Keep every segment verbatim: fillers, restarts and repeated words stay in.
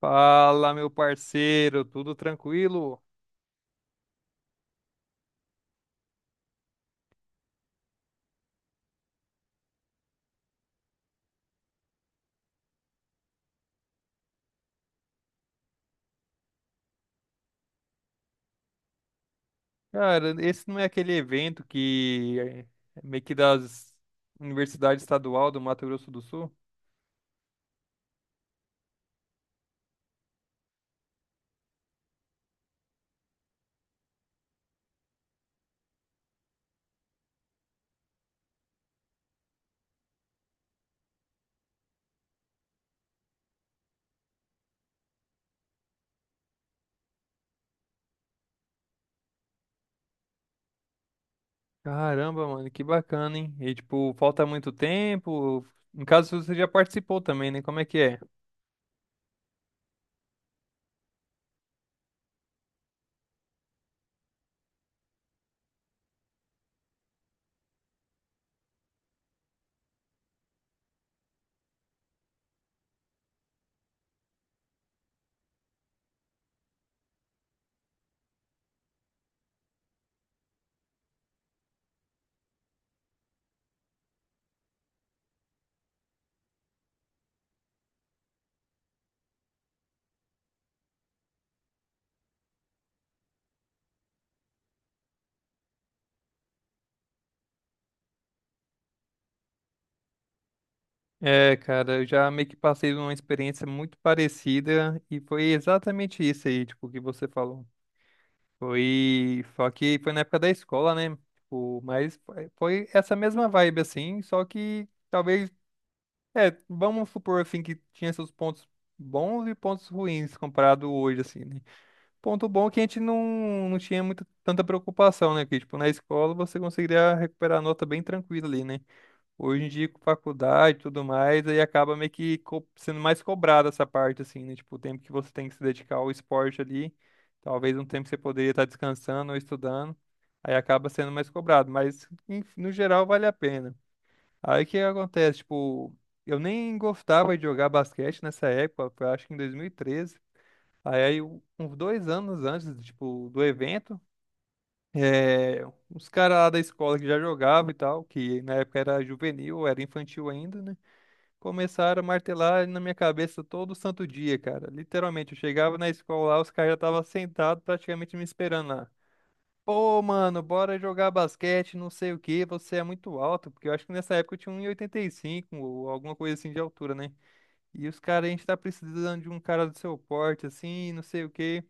Fala, meu parceiro, tudo tranquilo? Cara, esse não é aquele evento que é meio que das Universidade Estadual do Mato Grosso do Sul? Caramba, mano, que bacana, hein? E tipo, falta muito tempo. Em caso você já participou também, né? Como é que é? É, cara, eu já meio que passei uma experiência muito parecida e foi exatamente isso aí, tipo, que você falou. Foi. Só que foi na época da escola, né? Tipo, mas foi foi essa mesma vibe, assim. Só que talvez. É, vamos supor, assim, que tinha seus pontos bons e pontos ruins comparado hoje, assim, né? Ponto bom é que a gente não, não tinha muita, tanta preocupação, né? Que, tipo, na escola você conseguiria recuperar a nota bem tranquila ali, né? Hoje em dia, com faculdade e tudo mais, aí acaba meio que co- sendo mais cobrada essa parte, assim, né? Tipo, o tempo que você tem que se dedicar ao esporte ali, talvez um tempo que você poderia estar descansando ou estudando, aí acaba sendo mais cobrado, mas em- no geral vale a pena. Aí o que acontece? Tipo, eu nem gostava de jogar basquete nessa época, foi acho que em dois mil e treze. Aí, aí, um- uns dois anos antes, tipo, do evento. É, uns caras lá da escola que já jogavam e tal, que na época era juvenil, era infantil ainda, né? Começaram a martelar na minha cabeça todo santo dia, cara. Literalmente, eu chegava na escola lá, os caras já estavam sentados praticamente me esperando lá. Pô, mano, bora jogar basquete, não sei o que você é muito alto, porque eu acho que nessa época eu tinha um 1,85 ou alguma coisa assim de altura, né? E os caras, a gente tá precisando de um cara do seu porte, assim, não sei o que.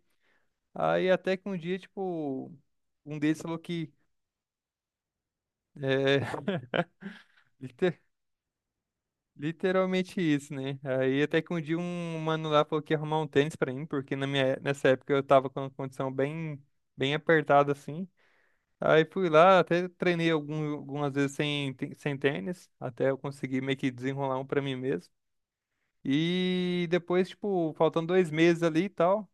Aí até que um dia, tipo, um deles falou que. É, Liter- Literalmente isso, né? Aí até que um dia um mano lá falou que ia arrumar um tênis pra mim, porque na minha, nessa época eu tava com uma condição bem, bem apertada assim. Aí fui lá, até treinei algum- algumas vezes sem, tê- sem tênis, até eu conseguir meio que desenrolar um pra mim mesmo. E depois, tipo, faltando dois meses ali e tal,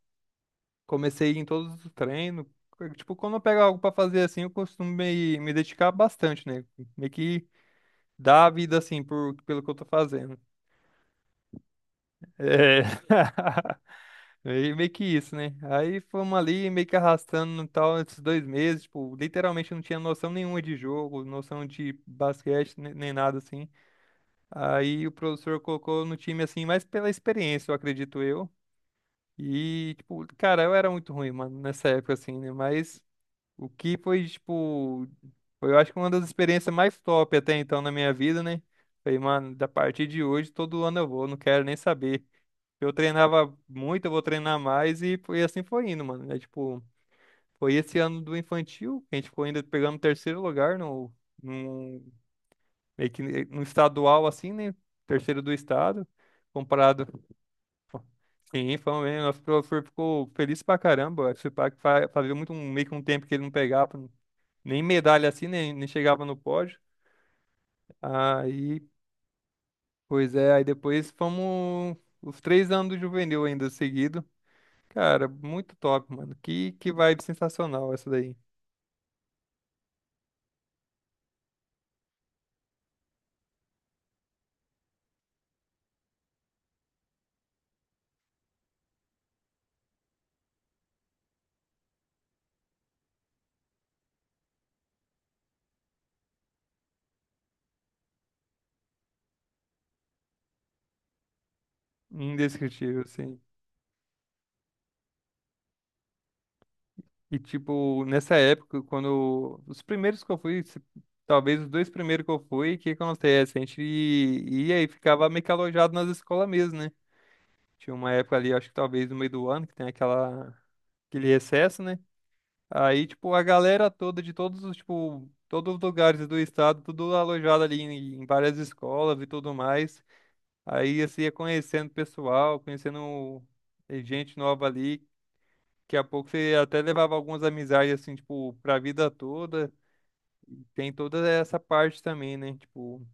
comecei a ir em todos os treinos. Tipo, quando eu pego algo pra fazer assim, eu costumo me, me dedicar bastante, né? Meio que dar a vida assim por, pelo que eu tô fazendo. É, meio meio que isso, né? Aí fomos ali, meio que arrastando e tal, esses dois meses, tipo, literalmente não tinha noção nenhuma de jogo, noção de basquete, ne- nem nada assim. Aí o professor colocou no time, assim, mais pela experiência, eu acredito eu. E, tipo, cara, eu era muito ruim, mano, nessa época, assim, né? Mas o que foi, tipo, foi, eu acho que uma das experiências mais top até então na minha vida, né? Falei, mano, da partir de hoje, todo ano eu vou, não quero nem saber. Eu treinava muito, eu vou treinar mais e foi e assim foi indo, mano. É tipo, foi esse ano do infantil que a gente ficou ainda pegando terceiro lugar no, no, meio que no estadual, assim, né? Terceiro do estado, comparado. Sim, foi mesmo. Nosso professor ficou feliz pra caramba. Esse pá que fa- fazia muito um, meio que um tempo que ele não pegava nem medalha assim, nem, nem chegava no pódio. Aí, pois é, aí depois fomos os três anos do juvenil ainda seguido. Cara, muito top, mano. Que, que vibe sensacional essa daí. Indescritível, assim. E, tipo, nessa época, quando. Os primeiros que eu fui, se- talvez os dois primeiros que eu fui, o que acontece? A gente ia e ficava meio que alojado nas escolas mesmo, né? Tinha uma época ali, acho que talvez no meio do ano, que tem aquela, aquele recesso, né? Aí, tipo, a galera toda de todos os, tipo, todos os lugares do estado, tudo alojado ali em, em várias escolas e tudo mais. Aí você ia conhecendo pessoal, conhecendo gente nova ali. Daqui a pouco você até levava algumas amizades, assim, tipo, pra vida toda. Tem toda essa parte também, né? Tipo,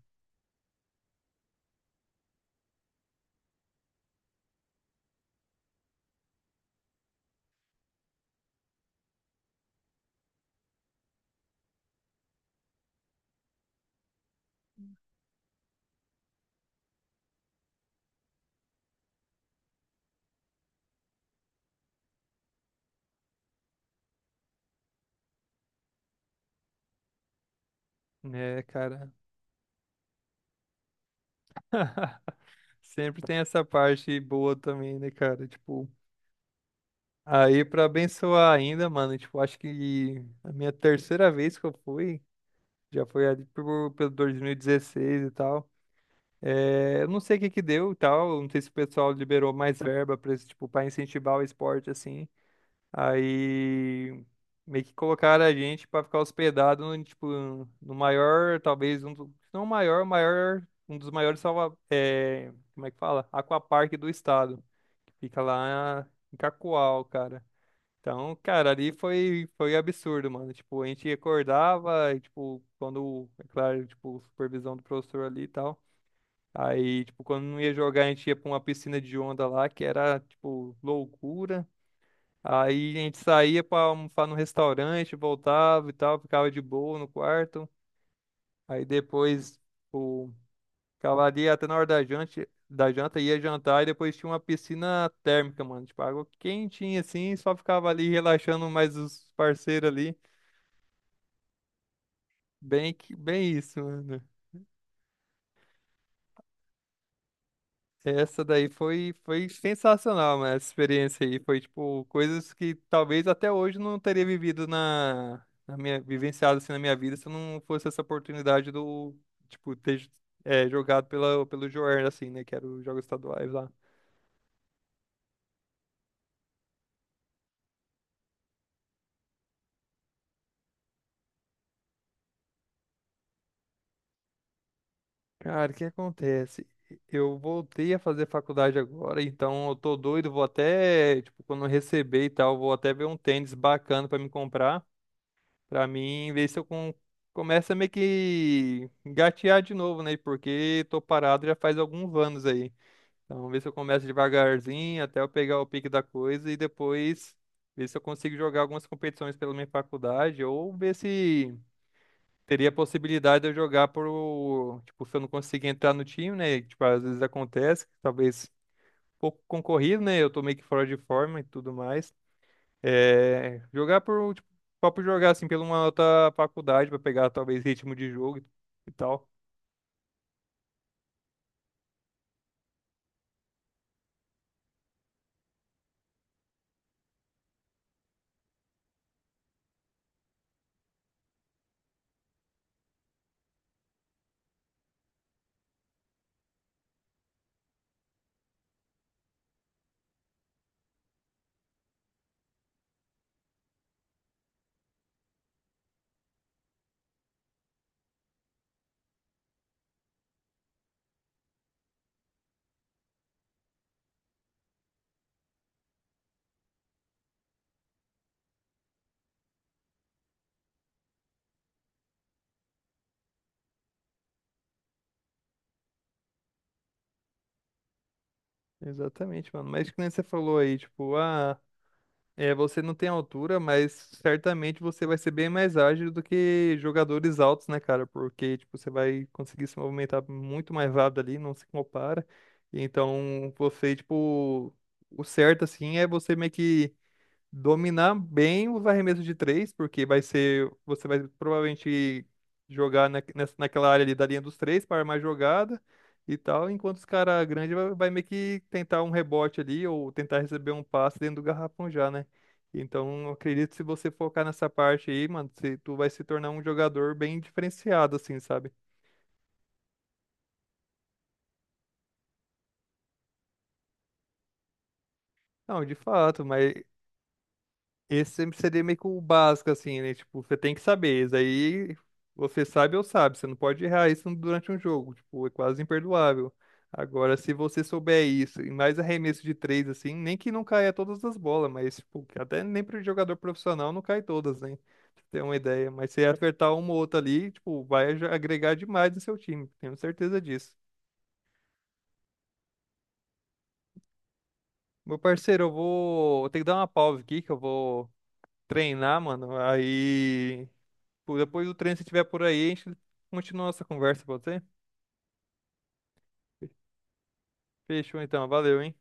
né, cara? Sempre tem essa parte boa também, né, cara? Tipo, aí pra abençoar ainda, mano, tipo, acho que a minha terceira vez que eu fui, já foi ali por, pelo dois mil e dezesseis e tal. É, eu não sei o que que deu e tal, não sei se o pessoal liberou mais verba para tipo, para incentivar o esporte assim. Aí meio que colocaram a gente para ficar hospedado no, tipo, no maior, talvez um, do- se não o maior, o maior, um dos maiores salva, é, como é que fala? Aquapark do estado, que fica lá em Cacoal, cara. Então, cara, ali foi foi absurdo, mano. Tipo, a gente acordava, e, tipo, quando, é claro, tipo, supervisão do professor ali e tal. Aí, tipo, quando não ia jogar, a gente ia pra uma piscina de onda lá, que era, tipo, loucura. Aí a gente saía pra almoçar no restaurante, voltava e tal, ficava de boa no quarto. Aí depois, tipo, ficava ali até na hora da janta, da janta ia jantar e depois tinha uma piscina térmica, mano. Tipo, água quentinha assim, só ficava ali relaxando mais os parceiros ali. Bem que, bem isso, mano. Essa daí foi, foi sensacional, mano. Essa experiência aí foi tipo coisas que talvez até hoje não teria vivido na, na minha vivenciado assim na minha vida se não fosse essa oportunidade do tipo ter é, jogado pela, pelo Joer assim, né? Que era os jogos estaduais lá. Cara, o que acontece? Eu voltei a fazer faculdade agora, então eu tô doido, vou até, tipo, quando eu receber e tal, vou até ver um tênis bacana pra me comprar. Pra mim, ver se eu com... começo a meio que engatear de novo, né? Porque tô parado já faz alguns anos aí. Então, ver se eu começo devagarzinho até eu pegar o pique da coisa e depois ver se eu consigo jogar algumas competições pela minha faculdade ou ver se teria a possibilidade de eu jogar por, tipo, se eu não conseguir entrar no time, né? Tipo, às vezes acontece, talvez pouco concorrido, né? Eu tô meio que fora de forma e tudo mais. É, jogar por, tipo, só por jogar, assim, pela uma outra faculdade, pra pegar talvez ritmo de jogo e e tal. Exatamente, mano. Mas que nem você falou aí, tipo, ah, é, você não tem altura, mas certamente você vai ser bem mais ágil do que jogadores altos, né, cara? Porque, tipo, você vai conseguir se movimentar muito mais rápido ali, não se compara. Então, você, tipo, o certo, assim, é você meio que dominar bem os arremessos de três, porque vai ser, você vai provavelmente jogar na, nessa- naquela área ali da linha dos três para armar jogada e tal, enquanto os caras grandes vai, vai meio que tentar um rebote ali ou tentar receber um passe dentro do garrafão já, né? Então, eu acredito que se você focar nessa parte aí, mano, você, tu vai se tornar um jogador bem diferenciado, assim, sabe? Não, de fato, mas esse sempre seria meio que o básico, assim, né? Tipo, você tem que saber. Isso aí você sabe ou sabe. Você não pode errar isso durante um jogo. Tipo, é quase imperdoável. Agora, se você souber isso, e mais arremesso de três, assim, nem que não caia todas as bolas, mas, tipo, que até nem pro jogador profissional não cai todas, né? Pra ter uma ideia. Mas se acertar uma ou outra ali, tipo, vai aj- agregar demais no seu time. Tenho certeza disso. Meu parceiro, eu vou. Eu tenho que dar uma pausa aqui, que eu vou treinar, mano. Aí. Pô, depois do treino, se tiver por aí, a gente continua nossa conversa, pode ser? Fechou então, valeu, hein?